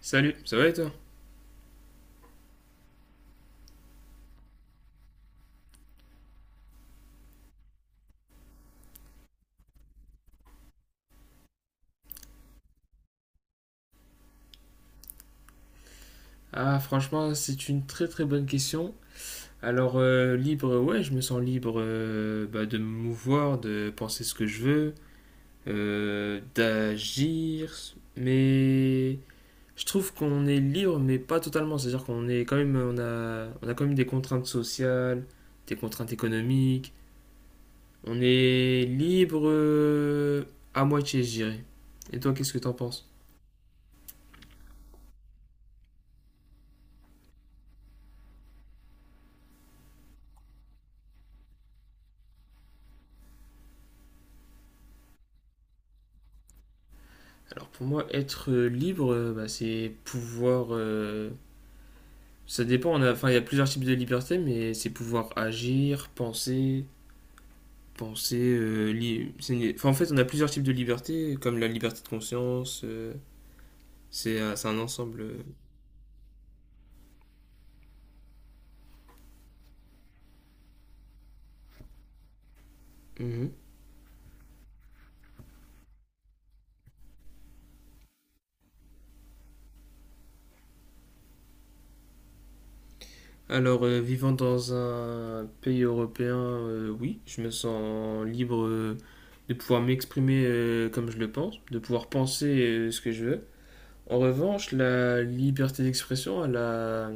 Salut, ça va et toi? Ah, franchement, c'est une très très bonne question. Alors, libre, ouais, je me sens libre, bah, de me mouvoir, de penser ce que je veux, d'agir, mais je trouve qu'on est libre, mais pas totalement. C'est-à-dire qu'on est quand même, on a quand même des contraintes sociales, des contraintes économiques. On est libre à moitié, je dirais. Et toi, qu'est-ce que t'en penses? Alors, pour moi, être libre, bah, c'est pouvoir. Ça dépend, il y a plusieurs types de liberté, mais c'est pouvoir agir, en fait, on a plusieurs types de liberté, comme la liberté de conscience, c'est un ensemble. Mhm. Alors, vivant dans un pays européen, oui, je me sens libre de pouvoir m'exprimer comme je le pense, de pouvoir penser ce que je veux. En revanche, la liberté d'expression,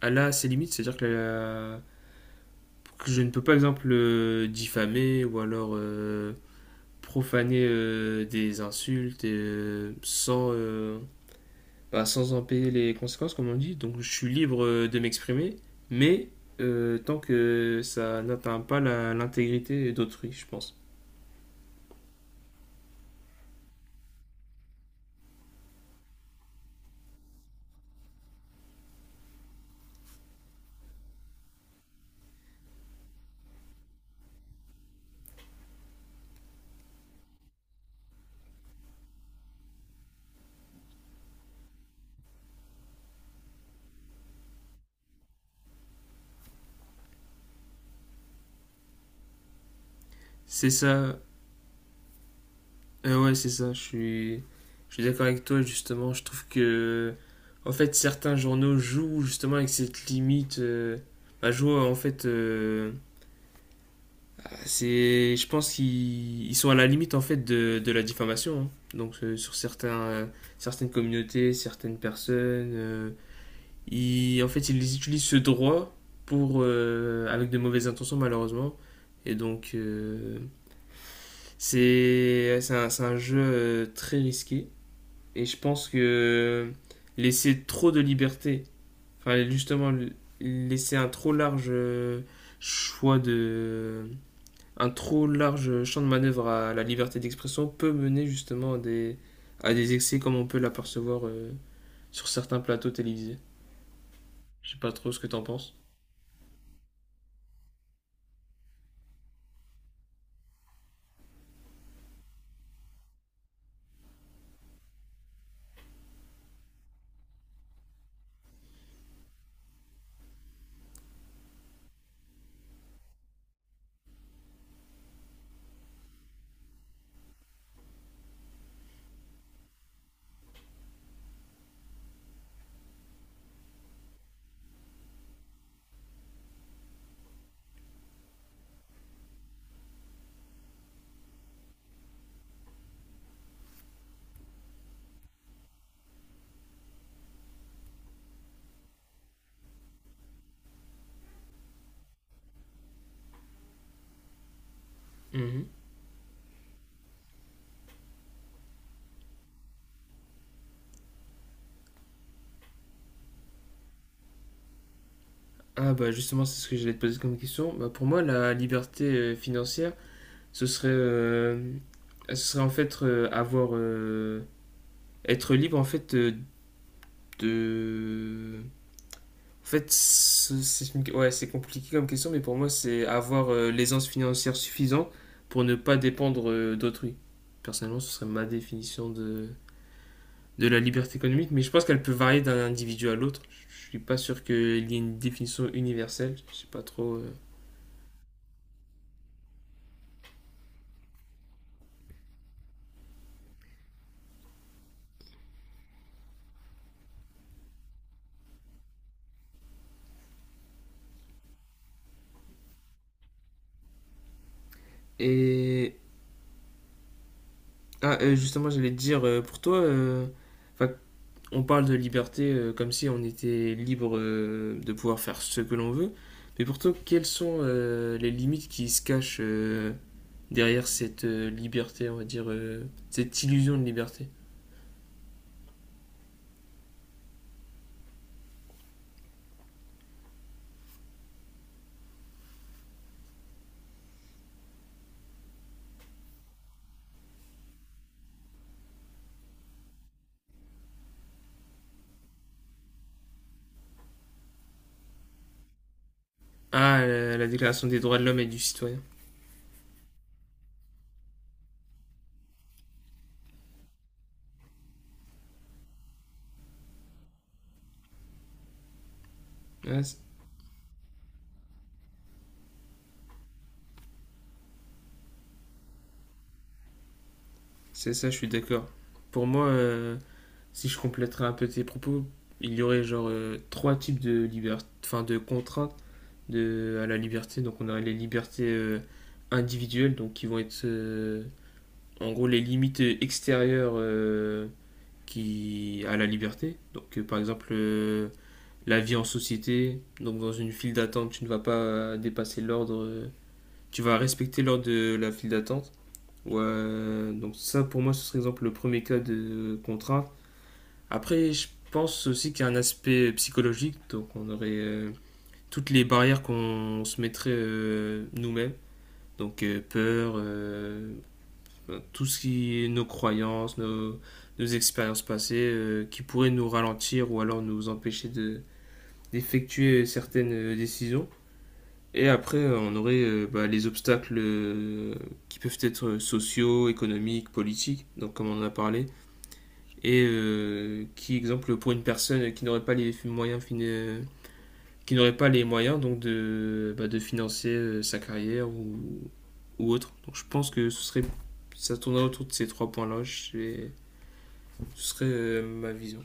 elle a ses limites, que je ne peux pas, exemple, diffamer ou alors profaner des insultes et, sans, sans en payer les conséquences, comme on dit. Donc je suis libre de m'exprimer, mais tant que ça n'atteint pas l'intégrité d'autrui, je pense. C'est ça. Ouais, c'est ça. Je suis d'accord avec toi, justement. Je trouve que, en fait, certains journaux jouent justement avec cette limite, jouent, en fait. C'est, je pense qu'ils ils sont à la limite en fait de la diffamation, hein. Donc sur certaines communautés, certaines personnes, en fait ils utilisent ce droit pour avec de mauvaises intentions, malheureusement. Et donc c'est un jeu très risqué. Et je pense que laisser trop de liberté, enfin justement laisser un trop large choix de un trop large champ de manœuvre à la liberté d'expression peut mener justement à des excès comme on peut l'apercevoir sur certains plateaux télévisés. Je sais pas trop ce que t'en penses. Mhm. Ah bah justement, c'est ce que j'allais te poser comme question. Bah pour moi, la liberté financière, ce serait, euh, ce serait en fait être libre en fait de, En fait, ouais, c'est compliqué comme question, mais pour moi, c'est avoir l'aisance financière suffisante pour ne pas dépendre d'autrui. Personnellement, ce serait ma définition de la liberté économique, mais je pense qu'elle peut varier d'un individu à l'autre. Je suis pas sûr qu'il y ait une définition universelle. Je sais pas trop. Et justement, j'allais te dire, enfin, On parle de liberté comme si on était libre de pouvoir faire ce que l'on veut, mais pourtant, quelles sont les limites qui se cachent derrière cette liberté, on va dire, cette illusion de liberté. Ah, la Déclaration des droits de l'homme et du citoyen. Ah, c'est ça, je suis d'accord. Pour moi, si je compléterais un peu tes propos, il y aurait genre trois types de liberté, enfin de contraintes de, à la liberté. Donc on aurait les libertés individuelles, donc qui vont être en gros les limites extérieures qui à la liberté. Donc par exemple la vie en société, donc dans une file d'attente, tu ne vas pas dépasser l'ordre, tu vas respecter l'ordre de la file d'attente. Ouais, donc ça pour moi ce serait exemple le premier cas de contrainte. Après je pense aussi qu'il y a un aspect psychologique, donc on aurait toutes les barrières qu'on se mettrait nous-mêmes, donc tout ce qui est nos croyances, nos, nos expériences passées, qui pourraient nous ralentir ou alors nous empêcher de, d'effectuer certaines décisions. Et après, on aurait bah, les obstacles qui peuvent être sociaux, économiques, politiques, donc comme on en a parlé, et qui, exemple, pour une personne qui n'aurait pas les qui n'aurait pas les moyens donc de, bah, de financer sa carrière ou autre. Donc je pense que ce serait, ça tournerait autour de ces trois points-là. Ce serait ma vision.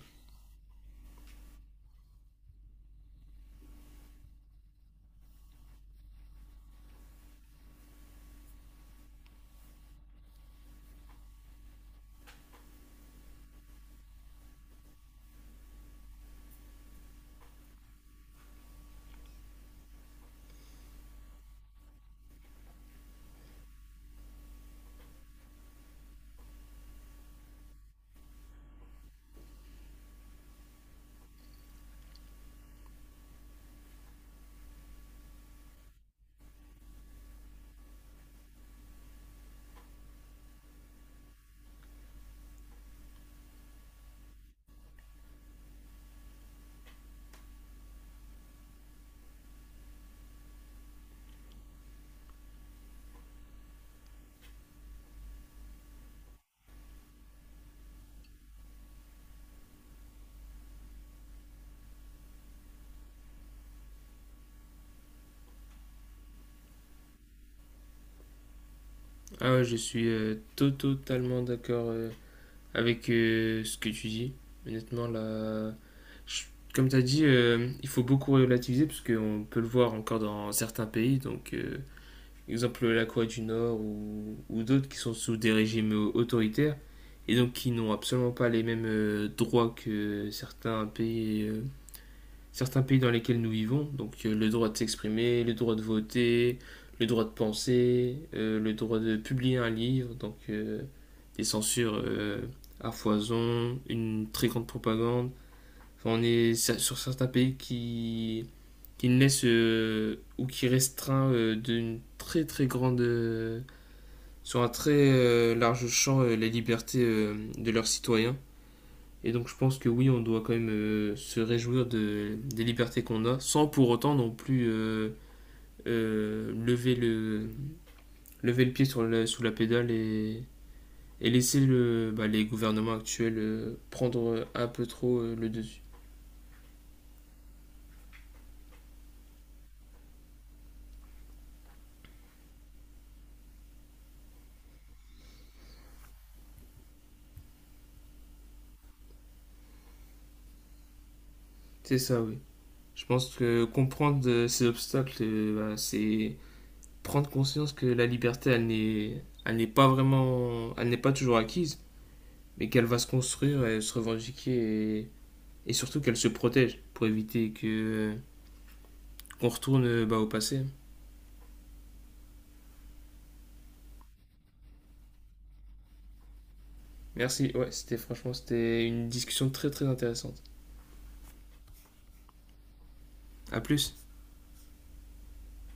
Ah ouais, je suis totalement d'accord avec ce que tu dis. Honnêtement, là, je- comme tu as dit, il faut beaucoup relativiser parce qu'on peut le voir encore dans certains pays. Donc, exemple la Corée du Nord ou d'autres qui sont sous des régimes autoritaires et donc qui n'ont absolument pas les mêmes droits que certains pays dans lesquels nous vivons, donc le droit de s'exprimer, le droit de voter, le droit de penser, le droit de publier un livre, donc des censures à foison, une très grande propagande. Enfin, on est sur certains pays qui ne laissent ou qui restreint d'une très très grande, sur un très large champ, les libertés de leurs citoyens. Et donc je pense que oui, on doit quand même se réjouir de, des libertés qu'on a, sans pour autant non plus euh, lever, le, lever le pied sur la, sous la pédale et laisser le, bah, les gouvernements actuels prendre un peu trop le dessus. C'est ça, oui. Je pense que comprendre ces obstacles, bah, c'est prendre conscience que la liberté, elle n'est pas vraiment, elle n'est pas toujours acquise, mais qu'elle va se construire et se revendiquer. Et surtout qu'elle se protège pour éviter que euh, qu'on retourne bah, au passé. Merci, ouais, c'était franchement c'était une discussion très très intéressante. À plus.